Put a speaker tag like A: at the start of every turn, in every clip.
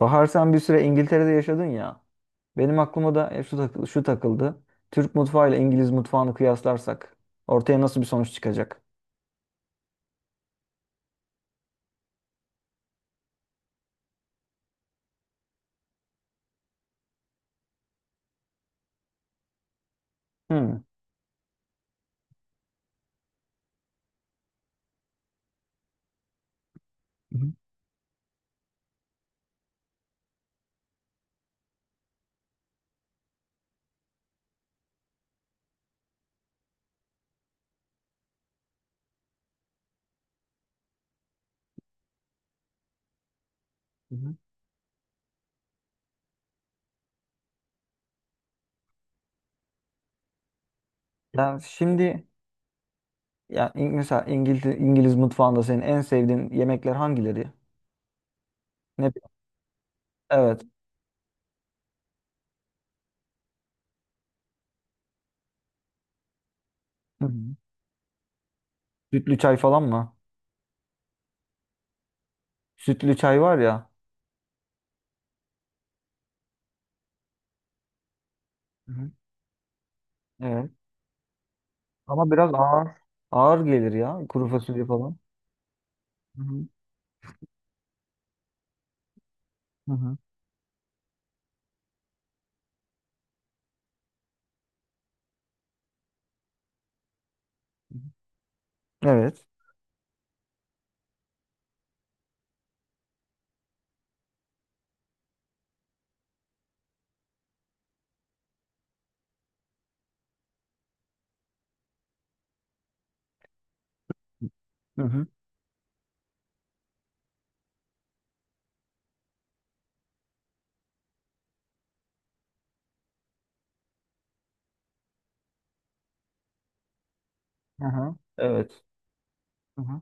A: Bahar sen bir süre İngiltere'de yaşadın ya. Benim aklıma da şu takıldı. Türk mutfağı ile İngiliz mutfağını kıyaslarsak ortaya nasıl bir sonuç çıkacak? Hmm. Hı hı, hı hı. Ya şimdi, mesela İngiltere, İngiliz mutfağında senin en sevdiğin yemekler hangileri? Ne? Evet. Hı hı. Sütlü çay falan mı? Sütlü çay var ya. Hı hı. Evet. Ama biraz ağır. Ağır gelir ya. Kuru fasulye falan. Hı hı, hı hı. Evet. Hı hı, hı hı. Evet. Hı hı.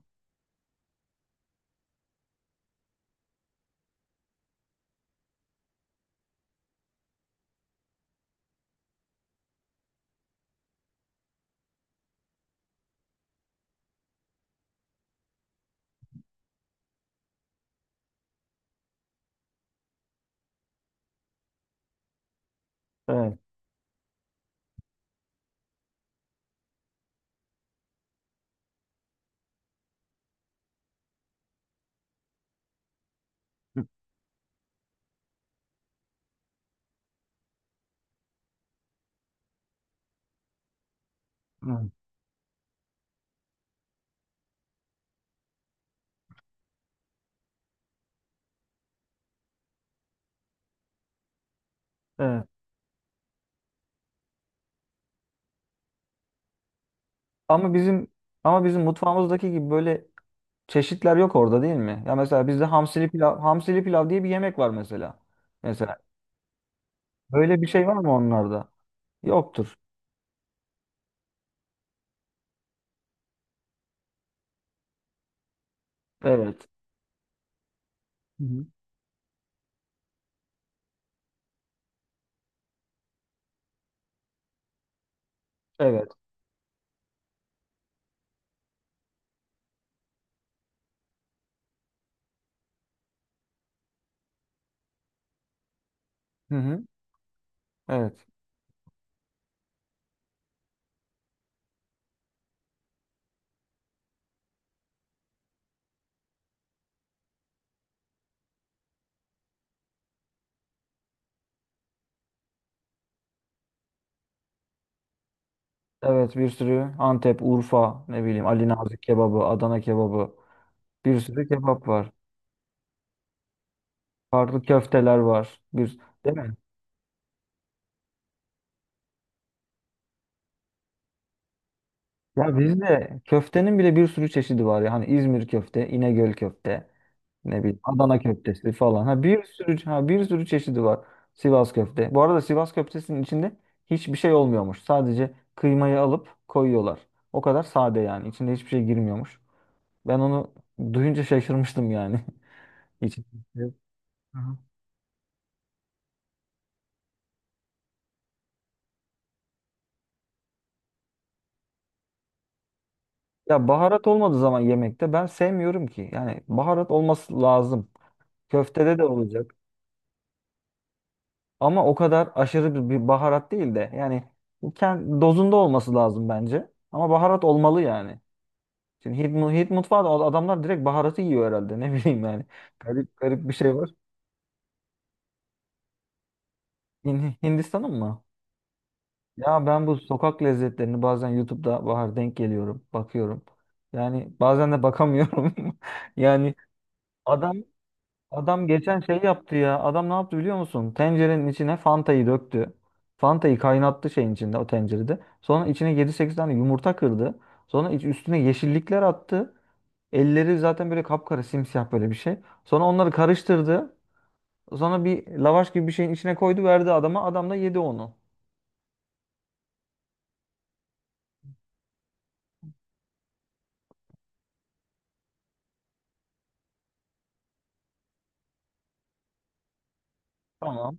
A: Evet. Evet. Evet. Ama bizim ama bizim mutfağımızdaki gibi böyle çeşitler yok orada, değil mi? Ya mesela bizde hamsili pilav diye bir yemek var mesela. Mesela böyle bir şey var mı onlarda? Yoktur. Evet. Hı hı. Evet. Hı hı. Evet. Evet, bir sürü Antep, Urfa, ne bileyim Ali Nazik kebabı, Adana kebabı. Bir sürü kebap var. Farklı köfteler var. Değil mi? Ya bizde köftenin bile bir sürü çeşidi var ya. Hani İzmir köfte, İnegöl köfte. Ne bileyim Adana köftesi falan. Ha bir sürü çeşidi var. Sivas köfte. Bu arada Sivas köftesinin içinde hiçbir şey olmuyormuş. Sadece kıymayı alıp koyuyorlar. O kadar sade yani. İçinde hiçbir şey girmiyormuş. Ben onu duyunca şaşırmıştım yani. Hiç. Evet. Aha. Ya baharat olmadığı zaman yemekte ben sevmiyorum ki. Yani baharat olması lazım. Köftede de olacak. Ama o kadar aşırı bir baharat değil de yani dozunda olması lazım bence. Ama baharat olmalı yani. Şimdi Hint mutfağı da adamlar direkt baharatı yiyor herhalde. Ne bileyim yani. Garip garip bir şey var. Hindistan'ın mı? Ya ben bu sokak lezzetlerini bazen YouTube'da Bahar denk geliyorum. Bakıyorum. Yani bazen de bakamıyorum. Yani adam adam geçen şey yaptı ya. Adam ne yaptı biliyor musun? Tencerenin içine Fanta'yı döktü. Fanta'yı kaynattı şeyin içinde, o tencerede. Sonra içine 7-8 tane yumurta kırdı. Sonra üstüne yeşillikler attı. Elleri zaten böyle kapkara, simsiyah, böyle bir şey. Sonra onları karıştırdı. Sonra bir lavaş gibi bir şeyin içine koydu, verdi adama. Adam da yedi onu. Tamam.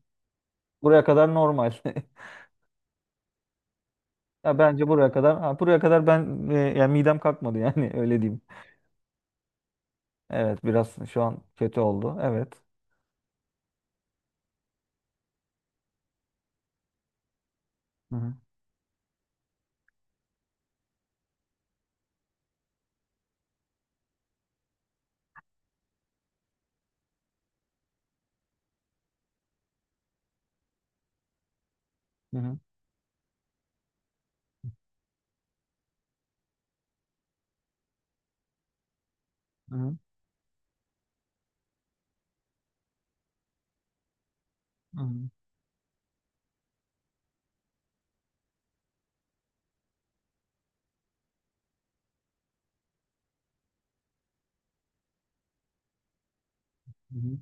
A: Buraya kadar normal. Ya bence buraya kadar ben yani midem kalkmadı yani, öyle diyeyim. Evet, biraz şu an kötü oldu. Evet. Hı hı. Hı hı. Hı hı. Hı hı.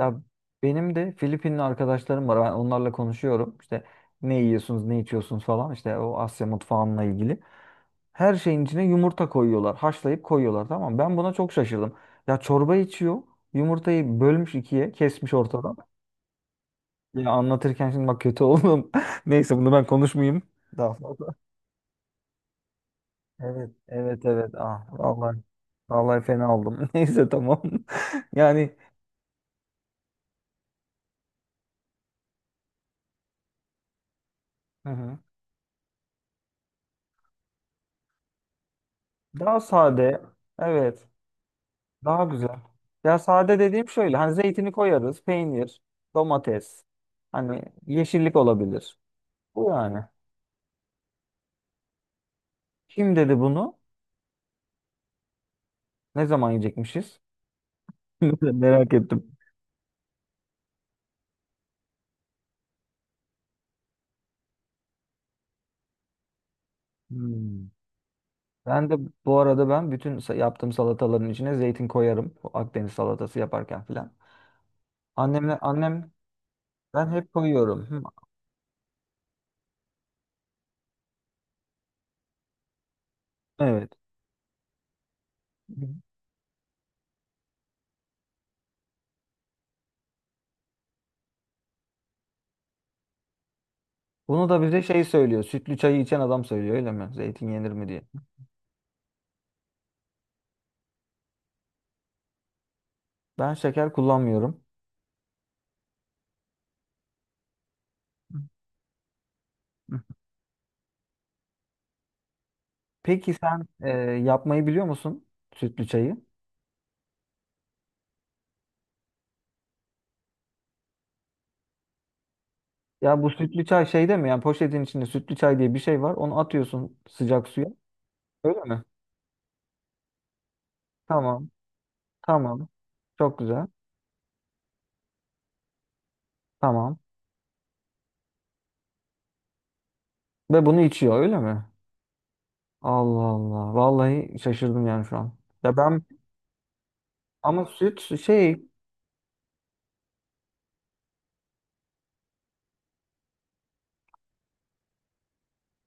A: Ya benim de Filipinli arkadaşlarım var. Ben onlarla konuşuyorum. İşte ne yiyorsunuz, ne içiyorsunuz falan. İşte o Asya mutfağınla ilgili. Her şeyin içine yumurta koyuyorlar. Haşlayıp koyuyorlar. Tamam mı? Ben buna çok şaşırdım. Ya çorba içiyor. Yumurtayı bölmüş ikiye. Kesmiş ortadan. Ya anlatırken şimdi bak kötü oldum. Neyse bunu ben konuşmayayım. Daha fazla. Evet, evet, evet. Ah, vallahi, vallahi fena oldum. Neyse tamam. Yani. Hı hı. Daha sade. Evet. Daha güzel. Ya sade dediğim şöyle. Hani zeytini koyarız. Peynir, domates. Hani yeşillik olabilir. Bu yani. Kim dedi bunu? Ne zaman yiyecekmişiz? Merak ettim. Hmm. Ben de bu arada bütün yaptığım salataların içine zeytin koyarım. Bu Akdeniz salatası yaparken filan. Annemle annem ben hep koyuyorum. Hı. Evet. Hı. Bunu da bize şey söylüyor. Sütlü çayı içen adam söylüyor, öyle mi? Zeytin yenir mi diye. Ben şeker kullanmıyorum. Hı. Peki sen yapmayı biliyor musun sütlü çayı? Ya bu sütlü çay şeyde mi? Yani poşetin içinde sütlü çay diye bir şey var. Onu atıyorsun sıcak suya. Öyle mi? Tamam. Tamam. Çok güzel. Tamam. Ve bunu içiyor, öyle mi? Allah Allah. Vallahi şaşırdım yani şu an. Ya ben, ama süt şey.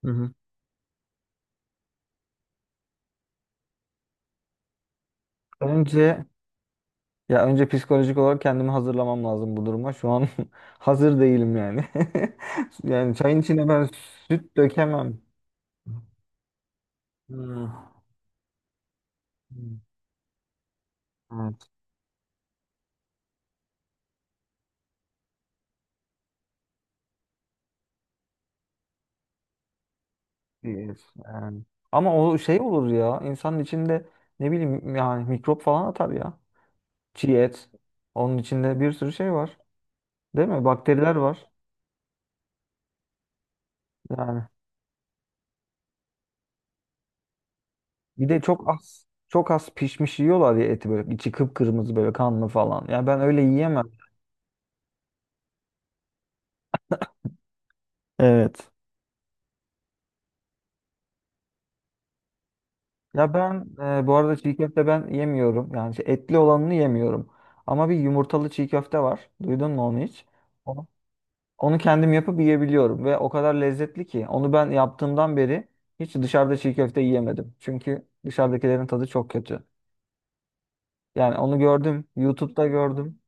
A: Hı hı. önce önce psikolojik olarak kendimi hazırlamam lazım bu duruma. Şu an hazır değilim yani. Yani çayın içine ben süt dökemem. Hmm. Evet, yani. Ama o şey olur ya. İnsanın içinde, ne bileyim yani, mikrop falan atar ya. Çiğ et. Onun içinde bir sürü şey var. Değil mi? Bakteriler var. Yani bir de çok az çok az pişmiş yiyorlar ya eti, böyle içi kıpkırmızı, böyle kanlı falan. Ya ben öyle yiyemem. Evet. Ya ben bu arada çiğ köfte ben yemiyorum. Yani şey, etli olanını yemiyorum. Ama bir yumurtalı çiğ köfte var. Duydun mu onu hiç? Onu kendim yapıp yiyebiliyorum ve o kadar lezzetli ki onu ben yaptığımdan beri hiç dışarıda çiğ köfte yiyemedim. Çünkü dışarıdakilerin tadı çok kötü. Yani onu gördüm, YouTube'da gördüm.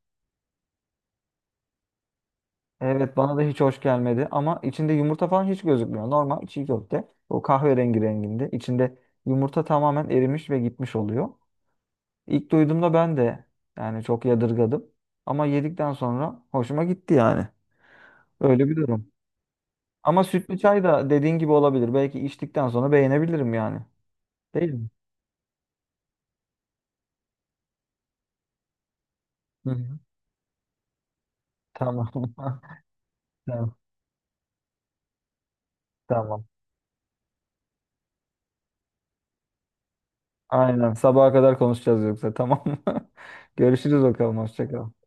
A: Evet, bana da hiç hoş gelmedi ama içinde yumurta falan hiç gözükmüyor. Normal çiğ köfte o kahverengi renginde. İçinde yumurta tamamen erimiş ve gitmiş oluyor. İlk duyduğumda ben de yani çok yadırgadım. Ama yedikten sonra hoşuma gitti yani. Öyle bir durum. Ama sütlü çay da dediğin gibi olabilir. Belki içtikten sonra beğenebilirim yani. Değil mi? Hı hı. Tamam. Tamam. Tamam. Aynen. Sabaha kadar konuşacağız yoksa. Tamam mı? Görüşürüz bakalım. Hoşça kal.